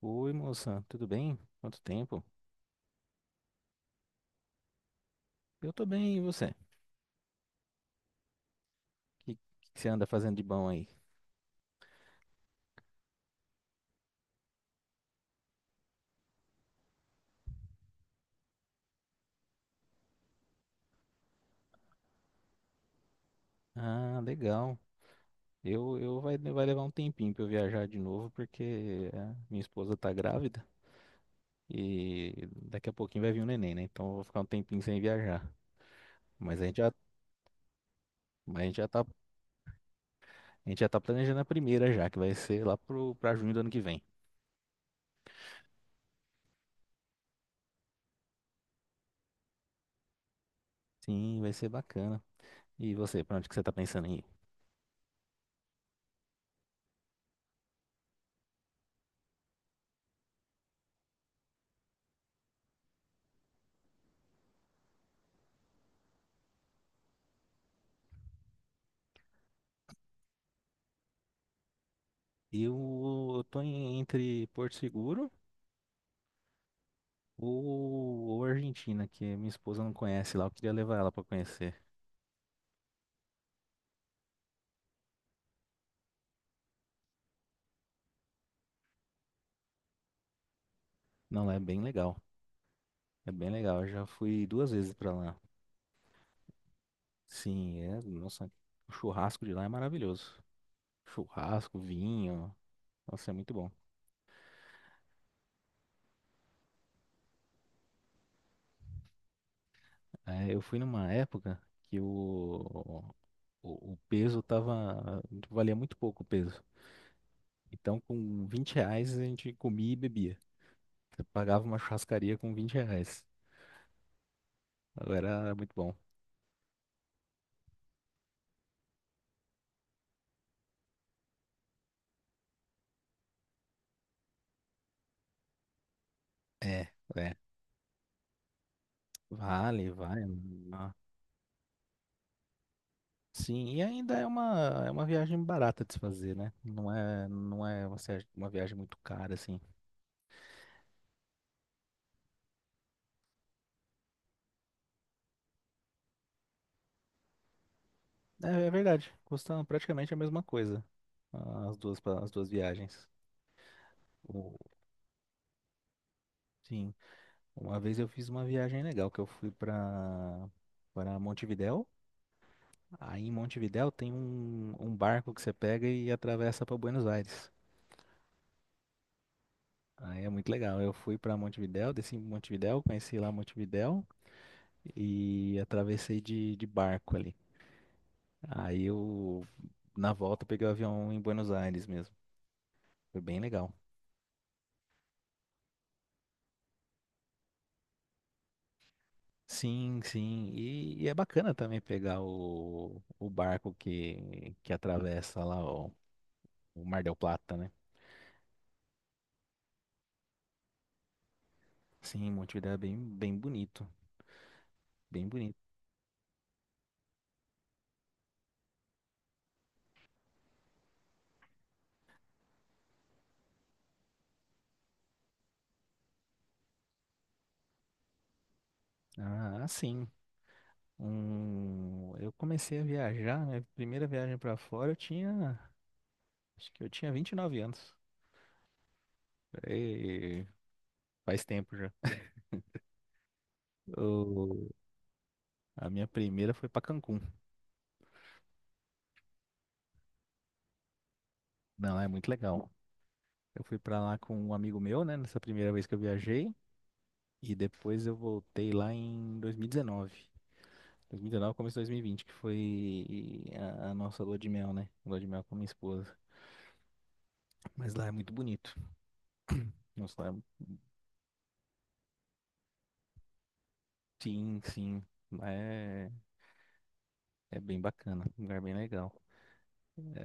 Oi, moça, tudo bem? Quanto tempo? Eu tô bem, e você? Que, que você anda fazendo de bom aí? Ah, legal. Vai levar um tempinho pra eu viajar de novo, porque minha esposa tá grávida e daqui a pouquinho vai vir um neném, né? Então eu vou ficar um tempinho sem viajar. Mas a gente já, mas a gente já tá planejando a primeira já, que vai ser pra junho do ano que vem. Sim, vai ser bacana. E você, pra onde que você tá pensando em ir? Eu tô entre Porto Seguro. Ou Argentina, que minha esposa não conhece lá, eu queria levar ela pra conhecer. Não, lá é bem legal. É bem legal. Eu já fui duas vezes pra lá. Sim, é, nossa, o churrasco de lá é maravilhoso. Churrasco, vinho, nossa, é muito bom. É, eu fui numa época que o peso valia muito pouco o peso. Então, com 20 reais a gente comia e bebia. Você pagava uma churrascaria com 20 reais. Agora era muito bom. É, é. Vale, vai. ah, Sim, e ainda é é uma viagem barata de se fazer, né? Não é uma, se- uma viagem muito cara, assim. É, é verdade, custam praticamente a mesma coisa, as duas, as duas viagens. O- sim, uma vez eu fiz uma viagem legal, que eu fui para Montevidéu. Aí em Montevidéu tem um barco que você pega e atravessa para Buenos Aires. Aí é muito legal. Eu fui para Montevidéu, desci em Montevidéu, conheci lá Montevidéu. E atravessei de barco ali. Aí eu, na volta, peguei o avião em Buenos Aires mesmo. Foi bem legal. Sim, sim. E é bacana também pegar o barco que atravessa lá o Mar del Plata, né? Sim, Montevidéu é bem bonito. Bem bonito. Ah, sim. Um, eu comecei a viajar, minha primeira viagem pra fora, acho que eu tinha 29 anos. E faz tempo já. A minha primeira foi pra Cancún. Não, lá é muito legal. Eu fui pra lá com um amigo meu, né, nessa primeira vez que eu viajei, e depois eu voltei lá em 2019. 2019 começo de 2020, que foi a nossa lua de mel, né? Lua de mel com minha esposa. Mas lá é muito bonito. Nossa, lá é... sim, sim. Lá é, é bem bacana, um lugar bem legal.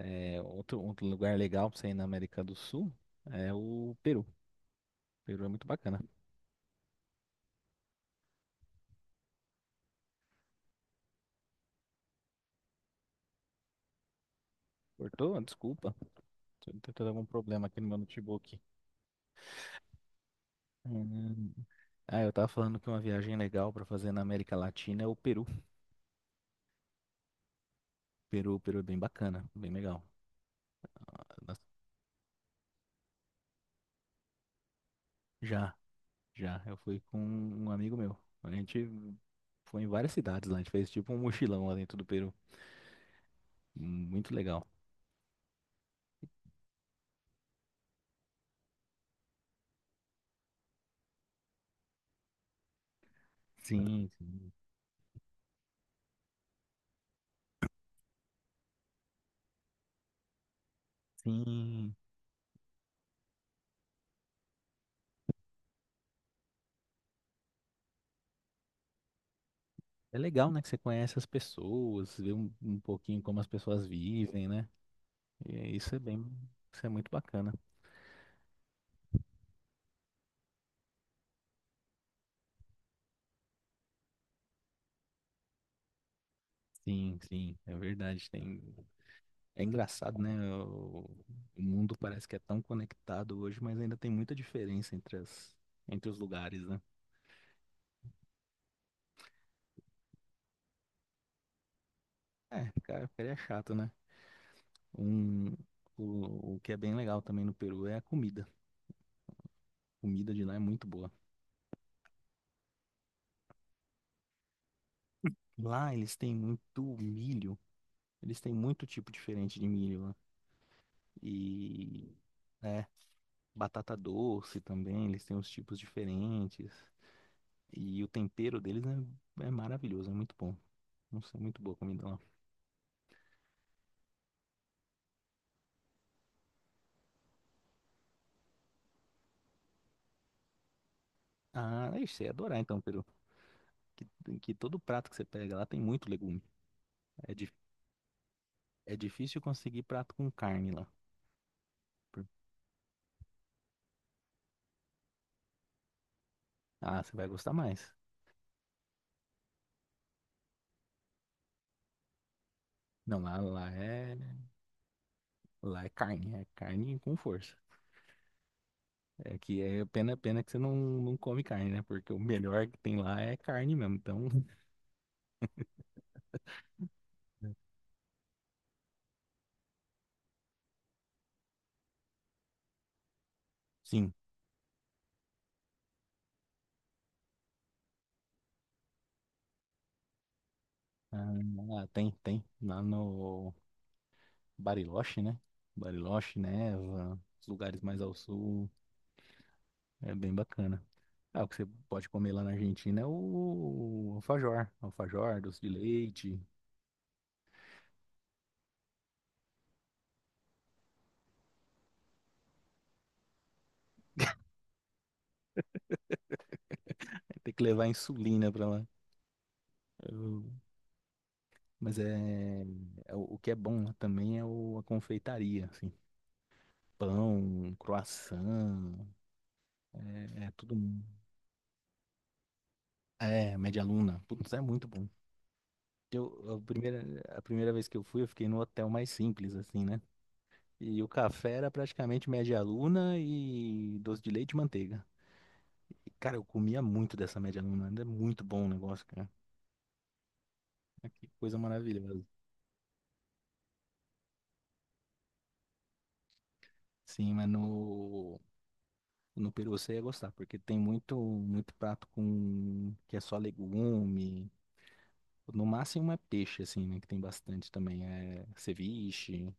É, outro lugar legal pra você ir na América do Sul é o Peru. O Peru é muito bacana. Cortou? Desculpa. Tô tentando algum problema aqui no meu notebook. É, né? Ah, eu tava falando que uma viagem legal pra fazer na América Latina é o Peru. Peru, Peru é bem bacana, bem legal. Ah, Já, já, eu fui com um amigo meu. A gente foi em várias cidades lá, a gente fez tipo um mochilão lá dentro do Peru. Muito legal. Sim, sim, sim. É legal, né, que você conhece as pessoas, vê um pouquinho como as pessoas vivem, né? E isso é isso é muito bacana. Sim, sim, é verdade. Tem. É engraçado, né? O mundo parece que é tão conectado hoje, mas ainda tem muita diferença entre entre os lugares, né? É, cara, ficaria chato, né? Um, o que é bem legal também no Peru é a comida. A comida de lá é muito boa. Lá eles têm muito milho. Eles têm muito tipo diferente de milho lá. E, né, batata doce também, eles têm uns tipos diferentes. E o tempero deles é maravilhoso, é muito bom. Nossa, é muito boa a comida lá. Ah, aí você ia adorar então, Peru. Que, que todo prato que você pega lá tem muito legume. É, é difícil conseguir prato com carne lá. Por- Ah, você vai gostar mais. Não, lá é carne com força. É que é pena, pena que você não come carne, né? Porque o melhor que tem lá é carne mesmo. Então, sim. Ah, tem, tem. Lá no Bariloche, né? Bariloche, Neva, os lugares mais ao sul. É bem bacana. Ah, o que você pode comer lá na Argentina é o alfajor, alfajor, doce de leite. É ter que levar insulina pra lá. Eu- Mas é, é o que é bom lá também é a confeitaria, assim, pão, croissant, é, é tudo. É, média luna. Putz, é muito bom. Eu, a primeira, a primeira vez que eu fui, eu fiquei no hotel mais simples, assim, né? E o café era praticamente média luna e doce de leite e manteiga. E, cara, eu comia muito dessa média luna. Ainda é muito bom o negócio, cara. Ah, que coisa maravilhosa. Sim, mas no Peru você ia gostar, porque tem muito, muito prato com que é só legume. No máximo é peixe, assim, né? Que tem bastante também. É ceviche,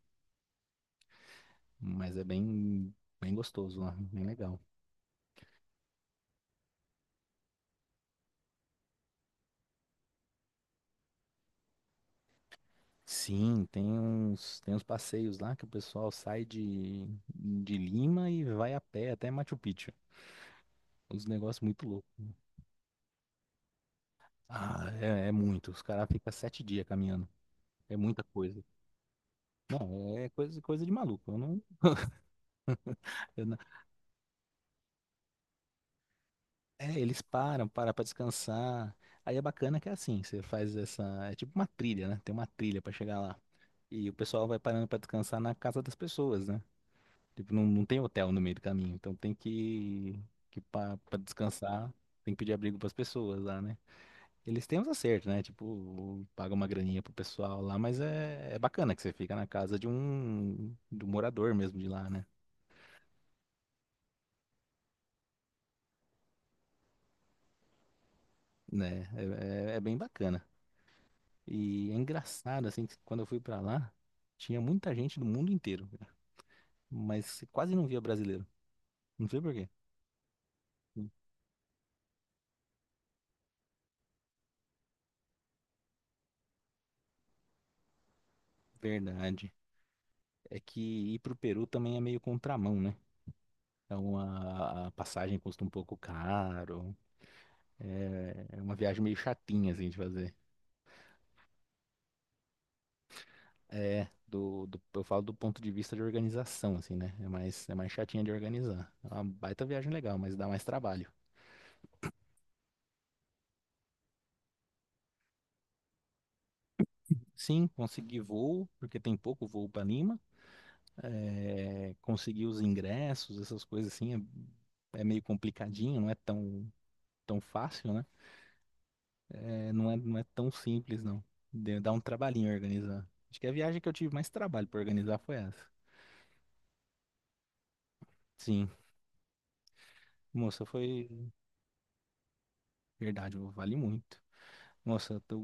mas é bem, bem gostoso lá, bem legal. Sim, tem uns passeios lá que o pessoal sai de Lima e vai a pé até Machu Picchu. Uns negócios muito loucos. Ah, é, é muito. Os caras ficam 7 dias caminhando. É muita coisa. Não, é coisa, coisa de maluco. Eu não- É, eles param, param pra descansar. Aí é bacana que é assim, você faz essa. É tipo uma trilha, né? Tem uma trilha pra chegar lá. E o pessoal vai parando pra descansar na casa das pessoas, né? Tipo, não, não tem hotel no meio do caminho. Então tem que pa- pra descansar, tem que pedir abrigo pras pessoas lá, né? Eles têm uns acertos, né? Tipo, paga uma graninha pro pessoal lá, mas é, é bacana que você fica na casa de de um morador mesmo de lá, né? Né? É bem bacana. E é engraçado, assim, que quando eu fui pra lá, tinha muita gente do mundo inteiro, cara. Mas você quase não via brasileiro. Não sei por quê. Verdade. É que ir pro Peru também é meio contramão, né? Então a passagem custa um pouco caro. É, é uma viagem meio chatinha, assim, de fazer. É, eu falo do ponto de vista de organização, assim, né? É mais chatinha de organizar. É uma baita viagem legal, mas dá mais trabalho. Sim, consegui voo, porque tem pouco voo para Lima. É, consegui os ingressos, essas coisas assim, é, é meio complicadinho, não é tão, tão fácil, né? É, não é tão simples, não. Dá um trabalhinho organizar. Acho que a viagem que eu tive mais trabalho para organizar foi essa. Sim, moça, foi verdade, vale muito. Nossa, eu tô-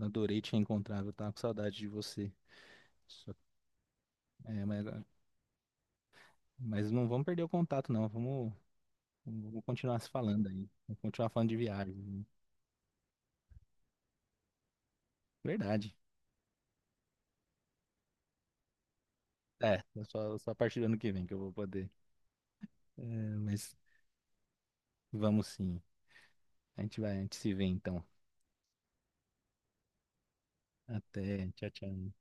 Adorei te encontrar, eu tava com saudade de você. Só- é, mas não vamos perder o contato, não. Vamos, vamos continuar se falando aí. Vamos continuar falando de viagem. Né? Verdade. É, é só a partir do ano que vem que eu vou poder. É, mas vamos sim. A gente se vê então. Até, tchau, tchau.